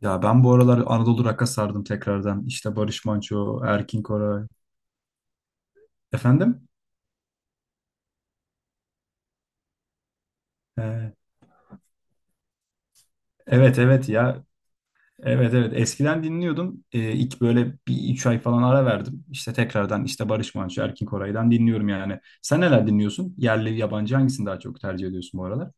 Ya ben bu aralar Anadolu rock'a sardım tekrardan. İşte Barış Manço, Erkin Koray. Efendim? Ee, evet evet ya. Evet evet. Eskiden dinliyordum. İlk böyle bir üç ay falan ara verdim. İşte tekrardan işte Barış Manço, Erkin Koray'dan dinliyorum yani. Sen neler dinliyorsun? Yerli, yabancı hangisini daha çok tercih ediyorsun bu aralar?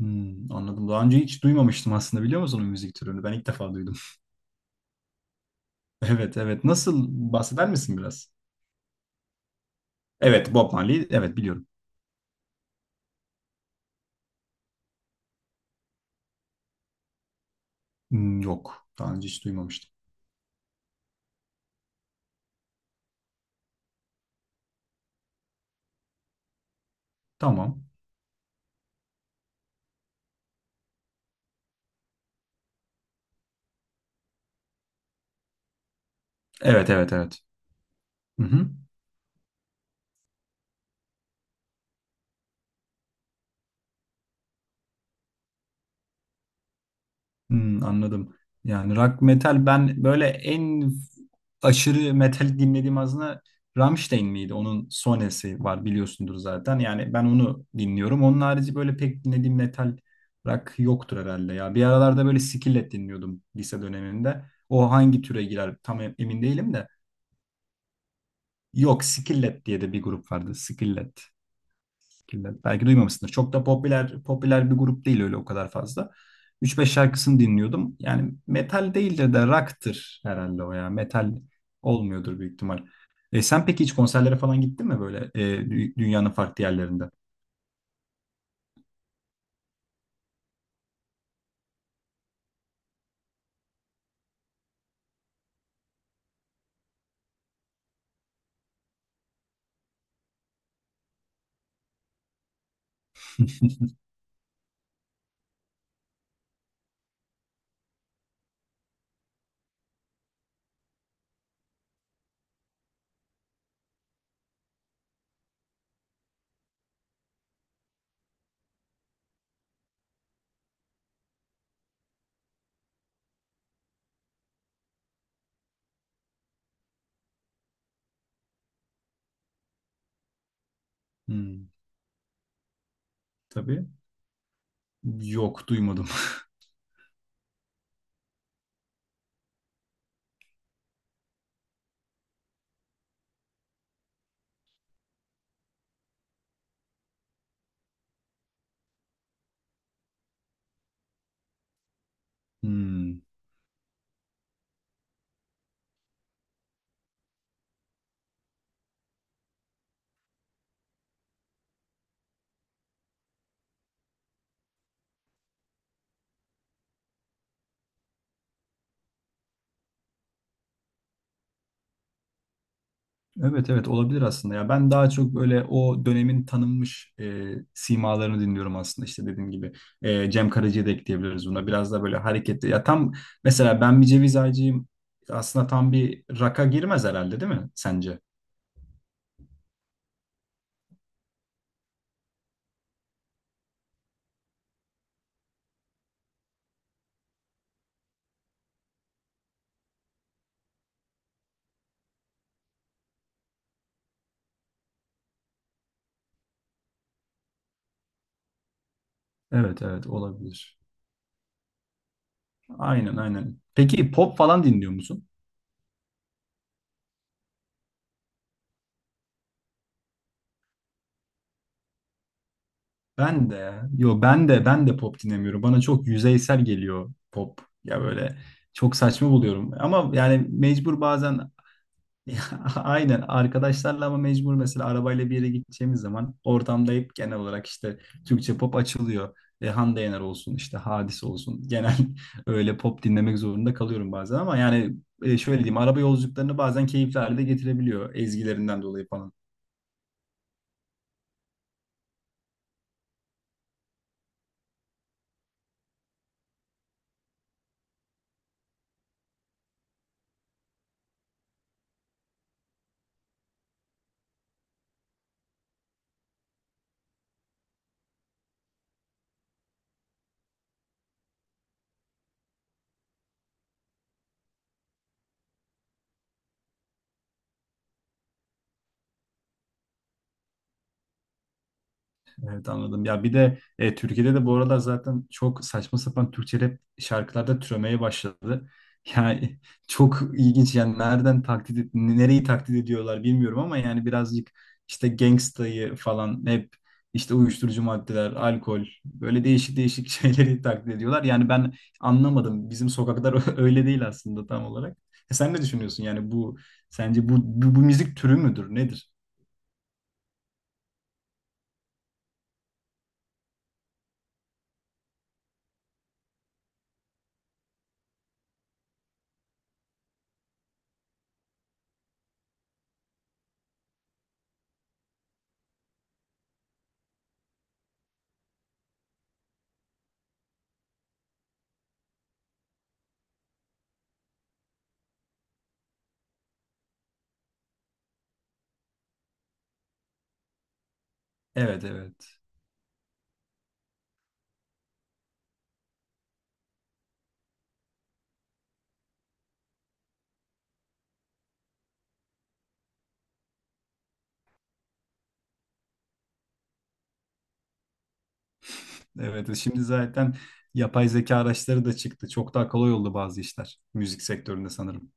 Hmm, anladım. Daha önce hiç duymamıştım aslında biliyor musun o müzik türünü? Ben ilk defa duydum. Evet evet. Nasıl bahseder misin biraz? Evet, Bob Marley. Evet, biliyorum. Hmm, yok. Daha önce hiç duymamıştım. Tamam. Evet evet evet. Hı hı. Hmm, anladım. Yani rock metal ben böyle en aşırı metal dinlediğim aslında Rammstein miydi? Onun sonesi var biliyorsundur zaten. Yani ben onu dinliyorum. Onun harici böyle pek dinlediğim metal rock yoktur herhalde ya. Bir aralarda böyle Skillet dinliyordum lise döneminde. O hangi türe girer tam emin değilim de. Yok, Skillet diye de bir grup vardı. Skillet. Killer. Belki duymamışsındır. Çok da popüler bir grup değil öyle o kadar fazla. 3-5 şarkısını dinliyordum. Yani metal değildir de rock'tır herhalde o ya. Metal olmuyordur büyük ihtimal. Sen peki hiç konserlere falan gittin mi böyle dünyanın farklı yerlerinde? Hmm, tabii. Yok, duymadım. Hmm. Evet evet, olabilir aslında ya ben daha çok böyle o dönemin tanınmış simalarını dinliyorum aslında işte dediğim gibi Cem Karaca'yı da ekleyebiliriz buna biraz da böyle hareketli ya tam mesela ben bir ceviz ağacıyım aslında tam bir rock'a girmez herhalde, değil mi sence? Evet evet olabilir, aynen aynen, peki pop falan dinliyor musun? Ben de, yo ben de pop dinlemiyorum. Bana çok yüzeysel geliyor pop. Ya böyle çok saçma buluyorum. Ama yani mecbur bazen aynen arkadaşlarla ama mecbur mesela arabayla bir yere gideceğimiz zaman ortamda hep genel olarak işte Türkçe pop açılıyor. Hande Yener olsun işte Hadis olsun. Genel öyle pop dinlemek zorunda kalıyorum bazen ama yani şöyle diyeyim araba yolculuklarını bazen keyifli hale de getirebiliyor ezgilerinden dolayı falan. Evet, anladım. Ya bir de Türkiye'de de bu aralar zaten çok saçma sapan Türkçe rap şarkılarda türemeye başladı. Yani çok ilginç yani nereden taklit nereyi taklit ediyorlar bilmiyorum ama yani birazcık işte gangstayı falan hep işte uyuşturucu maddeler, alkol böyle değişik değişik şeyleri taklit ediyorlar. Yani ben anlamadım. Bizim sokaklar öyle değil aslında tam olarak. Sen ne düşünüyorsun yani bu sence bu müzik türü müdür? Nedir? Evet evet. Evet, şimdi zaten yapay zeka araçları da çıktı. Çok daha kolay oldu bazı işler müzik sektöründe sanırım.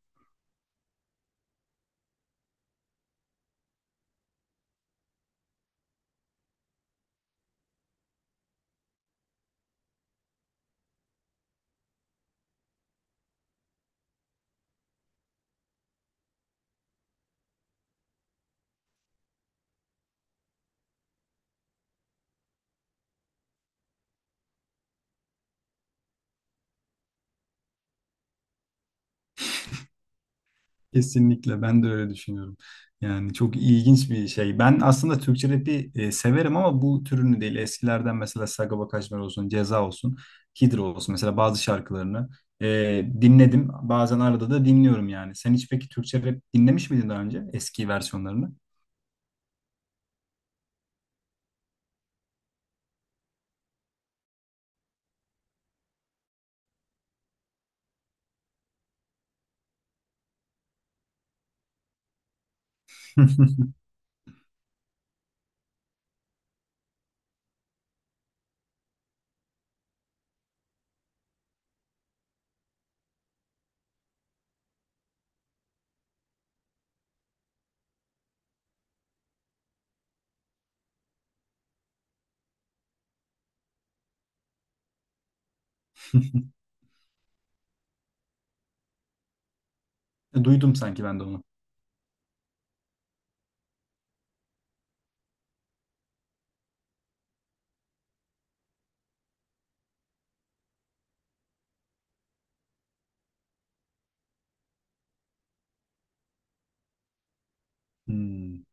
Kesinlikle ben de öyle düşünüyorum. Yani çok ilginç bir şey. Ben aslında Türkçe rap'i severim ama bu türünü değil. Eskilerden mesela Sagopa Kajmer olsun, Ceza olsun, Hidro olsun mesela bazı şarkılarını dinledim. Bazen arada da dinliyorum yani. Sen hiç peki Türkçe rap dinlemiş miydin daha önce eski versiyonlarını? Duydum sanki ben de onu. Hmm.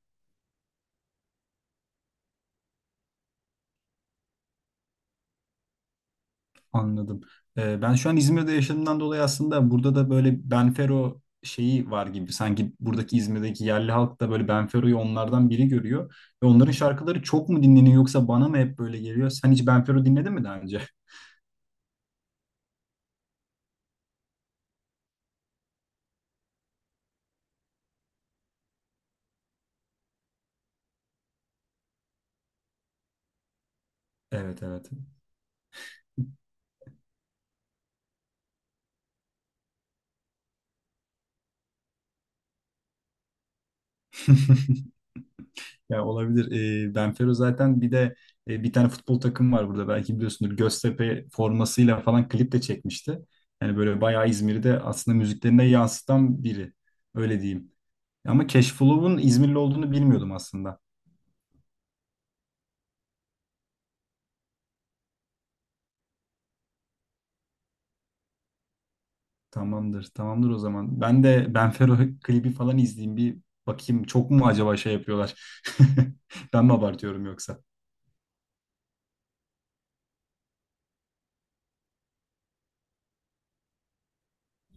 Anladım. Ben şu an İzmir'de yaşadığımdan dolayı aslında burada da böyle Benfero şeyi var gibi. Sanki buradaki İzmir'deki yerli halk da böyle Benfero'yu onlardan biri görüyor. Ve onların şarkıları çok mu dinleniyor yoksa bana mı hep böyle geliyor? Sen hiç Benfero dinledin mi daha önce? Evet evet. Ya olabilir. Benfero zaten bir de bir tane futbol takım var burada belki biliyorsundur. Göztepe formasıyla falan klip de çekmişti. Yani böyle bayağı İzmir'de aslında müziklerine yansıtan biri. Öyle diyeyim. Ama Cashflow'un İzmirli olduğunu bilmiyordum aslında. Tamamdır, tamamdır o zaman. Ben de Benfero klibi falan izleyeyim bir bakayım. Çok mu acaba şey yapıyorlar? Ben mi abartıyorum yoksa?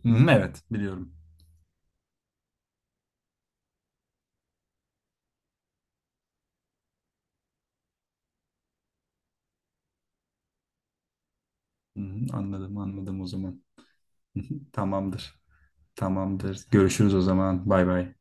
Hı hı, evet, biliyorum. Hı hı, anladım, anladım o zaman. Tamamdır, tamamdır. Görüşürüz o zaman. Bay bay.